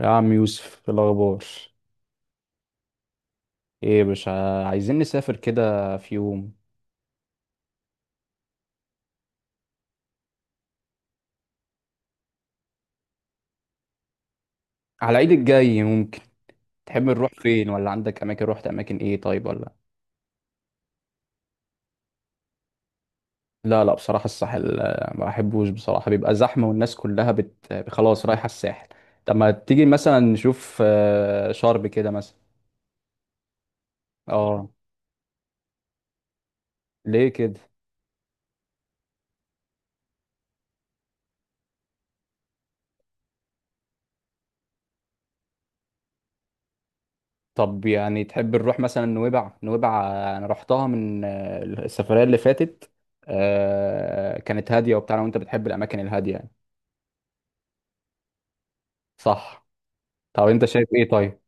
يا عم يوسف، إيه الأخبار؟ إيه يا باشا؟ عايزين نسافر كده في يوم. على العيد الجاي ممكن. تحب نروح فين؟ ولا عندك أماكن روحت؟ أماكن إيه طيب؟ ولا لا لا، بصراحة الساحل ما بحبوش بصراحة، بيبقى زحمة والناس كلها خلاص رايحة الساحل. طب ما تيجي مثلا نشوف شرم كده مثلا. آه، ليه كده؟ طب يعني تحب نروح مثلا نويبع؟ أنا رحتها من السفرية اللي فاتت. كانت هادية وبتاع، وأنت بتحب الأماكن الهادية يعني. صح. طب انت شايف ايه طيب؟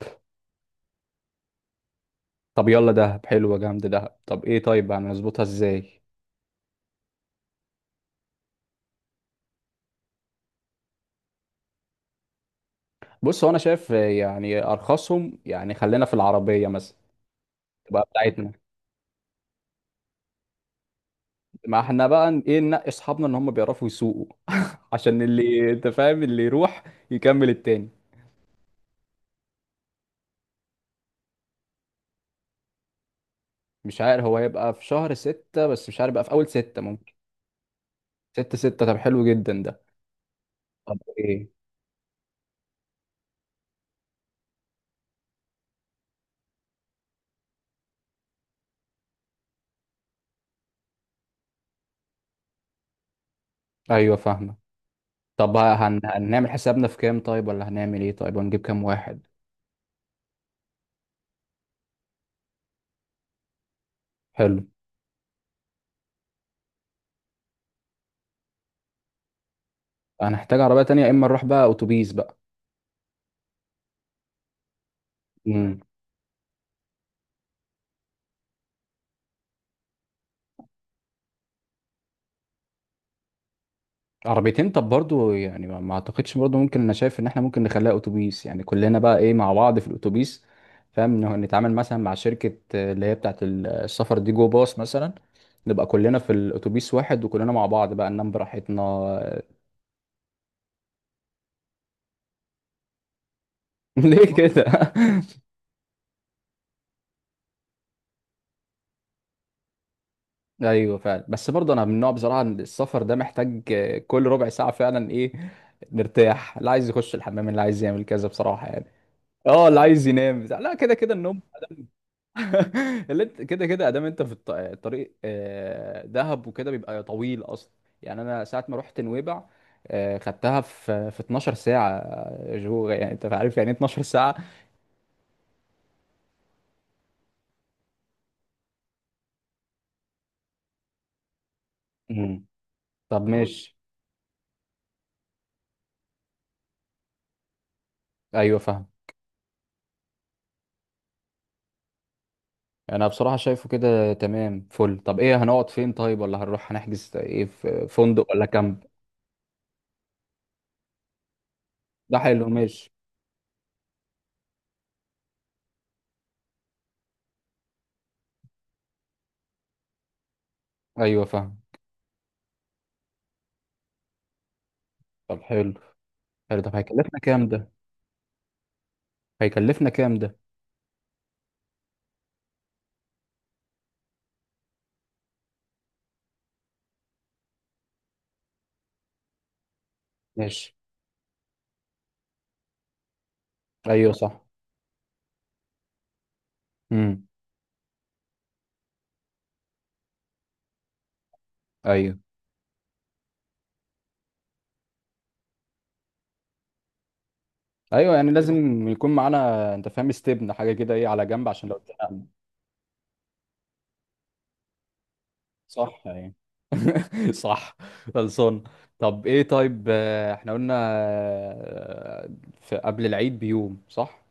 طب يلا دهب، حلوه جامد دهب. طب ايه طيب، يعني نظبطها ازاي؟ بص هو انا شايف يعني ارخصهم، يعني خلينا في العربيه مثلا. تبقى بتاعتنا. ما احنا بقى ايه، ننقي اصحابنا ان هم بيعرفوا يسوقوا. عشان اللي انت فاهم، اللي يروح يكمل التاني. مش عارف هو هيبقى في شهر ستة، بس مش عارف بقى، في اول ستة ممكن. ستة ستة. طب حلو جدا ده. طب ايه؟ ايوه فاهمه. طب هنعمل حسابنا في كام طيب؟ ولا هنعمل ايه طيب؟ هنجيب كام واحد؟ حلو. هنحتاج عربية تانية، يا إما نروح بقى أتوبيس بقى. امم عربيتين. طب برضو يعني ما أعتقدش، برضو ممكن، أنا شايف إن إحنا ممكن نخليها أتوبيس، يعني كلنا بقى إيه مع بعض في الأتوبيس. فاهم إنه نتعامل مثلا مع شركة اللي هي بتاعة السفر دي، جو باص مثلا. نبقى كلنا في الأتوبيس واحد، وكلنا مع بعض بقى ننام براحتنا. ليه كده؟ ايوه فعلا. بس برضه انا من النوع بصراحه إن السفر ده محتاج كل ربع ساعه فعلا ايه. نرتاح، اللي عايز يخش الحمام، اللي عايز يعمل كذا بصراحه يعني. اه، اللي عايز ينام بتاع لا كده كده النوم. اللي انت كده كده ادام، انت في الطريق دهب وكده بيبقى طويل اصلا. يعني انا ساعه ما رحت نويبع، خدتها في 12 ساعه، جو. يعني انت عارف يعني ايه 12 ساعه؟ مم. طب ماشي. ايوه فاهم. انا بصراحه شايفه كده تمام فل. طب ايه هنقعد فين طيب؟ ولا هنروح هنحجز ايه، في فندق ولا كامب؟ ده حلو، ماشي. ايوه فاهم. طب حلو. حلو. طب هيكلفنا كام ده؟ هيكلفنا كام ده؟ ماشي. ايوه صح. امم ايوه ايوه، يعني لازم يكون معانا، انت فاهم، استبن حاجه كده ايه على جنب، عشان لو اتزنقنا. صح يعني. صح. خلصان. طب ايه طيب، احنا قلنا في قبل العيد بيوم، صح؟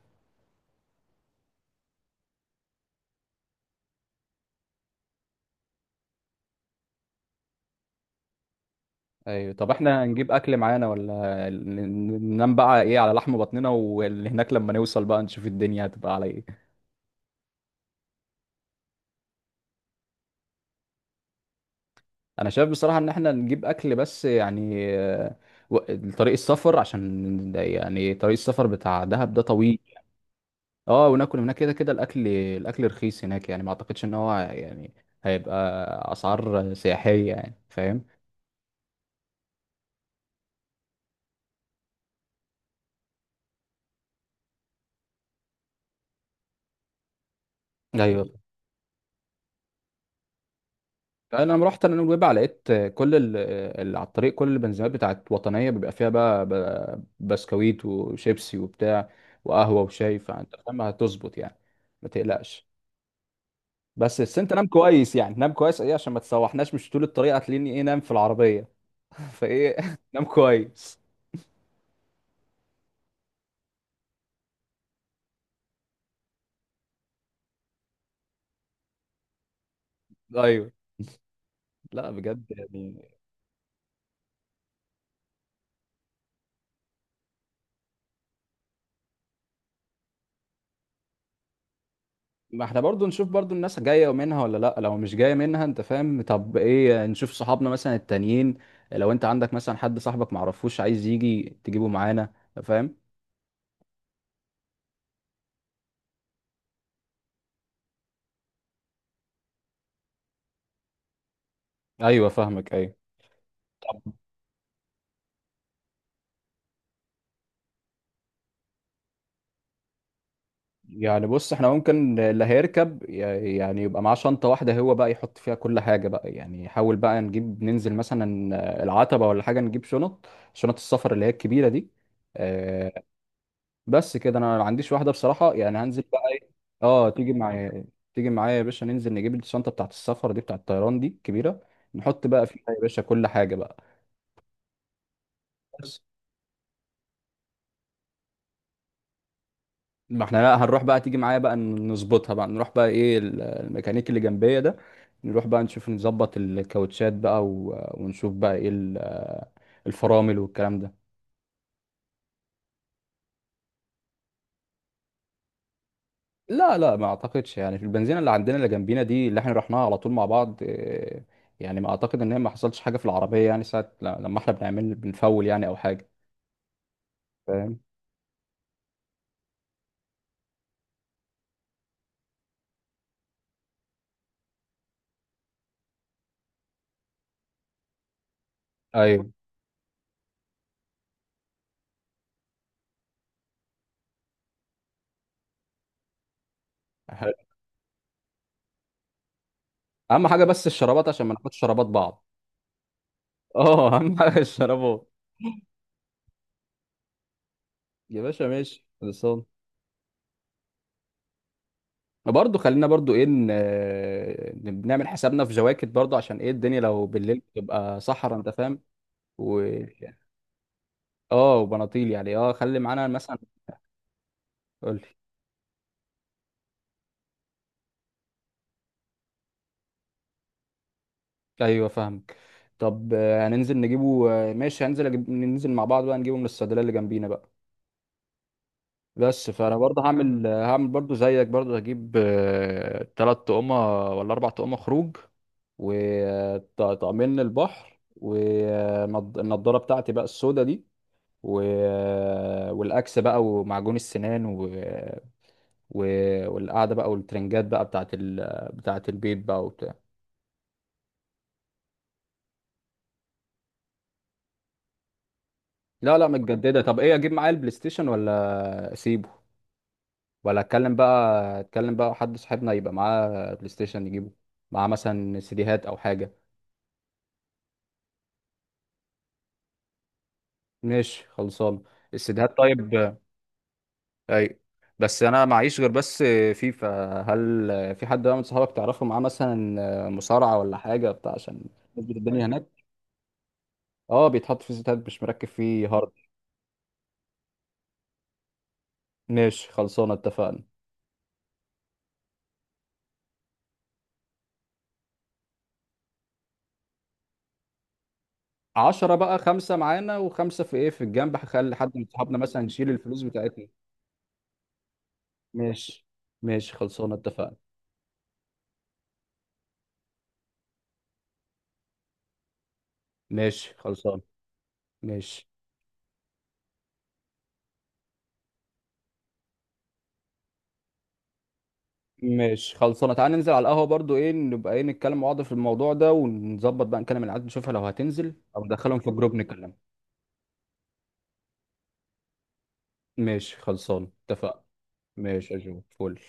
ايوه. طب احنا هنجيب اكل معانا، ولا ن- ننام بقى ايه على لحم بطننا، واللي هناك لما نوصل بقى نشوف الدنيا هتبقى على ايه؟ انا شايف بصراحه ان احنا نجيب اكل، بس يعني طريق السفر، عشان يعني طريق السفر بتاع دهب ده طويل. اه وناكل هناك، كده كده الاكل رخيص هناك، يعني ما اعتقدش ان هو يعني هيبقى اسعار سياحيه، يعني فاهم. ايوه. انا لما رحت انا نويبع لقيت كل اللي على الطريق، كل البنزينات بتاعت وطنيه بيبقى فيها بقى بسكويت وشيبسي وبتاع، وقهوه وشاي، فانت فاهم هتظبط يعني. ما تقلقش. بس انت نام كويس، يعني نام كويس ايه عشان ما تسوحناش، مش طول الطريق هتلاقيني ايه نام في العربيه. فايه. نام كويس. ايوه. لا بجد يعني. ما احنا برضو نشوف برضو الناس جاية منها ولا لا، لو مش جاية منها انت فاهم، طب ايه، نشوف صحابنا مثلا التانيين. لو انت عندك مثلا حد صاحبك معرفوش عايز يجي، تجيبه معانا. فاهم؟ ايوه فاهمك، ايوه. طب يعني بص، احنا ممكن اللي هيركب يعني يبقى معاه شنطة واحدة، هو بقى يحط فيها كل حاجة بقى، يعني حاول بقى نجيب ننزل مثلا العتبة ولا حاجة، نجيب شنط، شنط السفر اللي هي الكبيرة دي. آه، بس كده انا ما عنديش واحده بصراحه، يعني هنزل بقى ايه؟ اه تيجي معايا. تيجي معايا يا باشا، ننزل نجيب الشنطه بتاعت السفر دي، بتاعت الطيران دي كبيره. نحط بقى فيها يا باشا كل حاجه بقى. بس، ما احنا لا هنروح بقى تيجي معايا بقى نظبطها بقى، نروح بقى ايه الميكانيك اللي جنبيه ده. نروح بقى نشوف نظبط الكاوتشات بقى، ونشوف بقى ايه الفرامل والكلام ده. لا لا ما اعتقدش يعني، في البنزينه اللي عندنا اللي جنبينا دي، اللي احنا رحناها على طول مع بعض، يعني ما اعتقد ان هي ما حصلش حاجه في العربيه يعني، ساعه لما احنا بنعمل بنفول يعني او حاجه. فاهم. ايوه حلو. اهم حاجه بس الشرابات، عشان ما ناخدش شرابات بعض. اه، اهم حاجه الشرابات. يا باشا ماشي خلصان. برضه خلينا برضه ايه نعمل حسابنا في جواكت برضه، عشان ايه الدنيا لو بالليل تبقى صحرا انت فاهم. و اه وبناطيل يعني، اه خلي معانا مثلا. قول لي. ايوه فاهمك. طب هننزل نجيبه، ماشي هننزل ننزل مع بعض بقى نجيبه من الصيدليه اللي جنبينا بقى. بس فانا برضه هعمل برضه زيك، برضه هجيب ثلاث طقمه ولا اربع طقمه خروج، وطقمين البحر، والنضاره بتاعتي بقى السودا دي، و... والاكس بقى ومعجون السنان، و... والقعده بقى، والترنجات بقى بتاعت بتاعت البيت بقى وبتاع. لا لا متجدده. طب ايه، اجيب معايا البلاي ستيشن ولا اسيبه؟ ولا اتكلم بقى، اتكلم بقى حد صاحبنا يبقى معاه بلاي ستيشن نجيبه، معاه مثلا سيديهات او حاجه. ماشي خلصان. السيديهات طيب. اي. بس انا معيش غير بس فيفا. هل في حد بقى من صحابك تعرفه معاه مثلا مصارعه ولا حاجه بتاع، عشان نظبط الدنيا هناك؟ اه بيتحط في سيديهات، مش مركب فيه هارد. ماشي خلصانه اتفقنا. عشرة بقى، خمسة معانا وخمسة في ايه في الجنب، هخلي حد من صحابنا مثلا يشيل الفلوس بتاعتنا. ماشي. ماشي خلصانه اتفقنا. ماشي خلصان. ماشي. ماشي خلصانه، تعالى ننزل على القهوه برضو ايه، نبقى ايه نتكلم مع بعض في الموضوع ده ونظبط بقى، نكلم العيال نشوفها لو هتنزل او ندخلهم في الجروب نتكلم. ماشي خلصانه اتفقنا. ماشي يا جو، فل.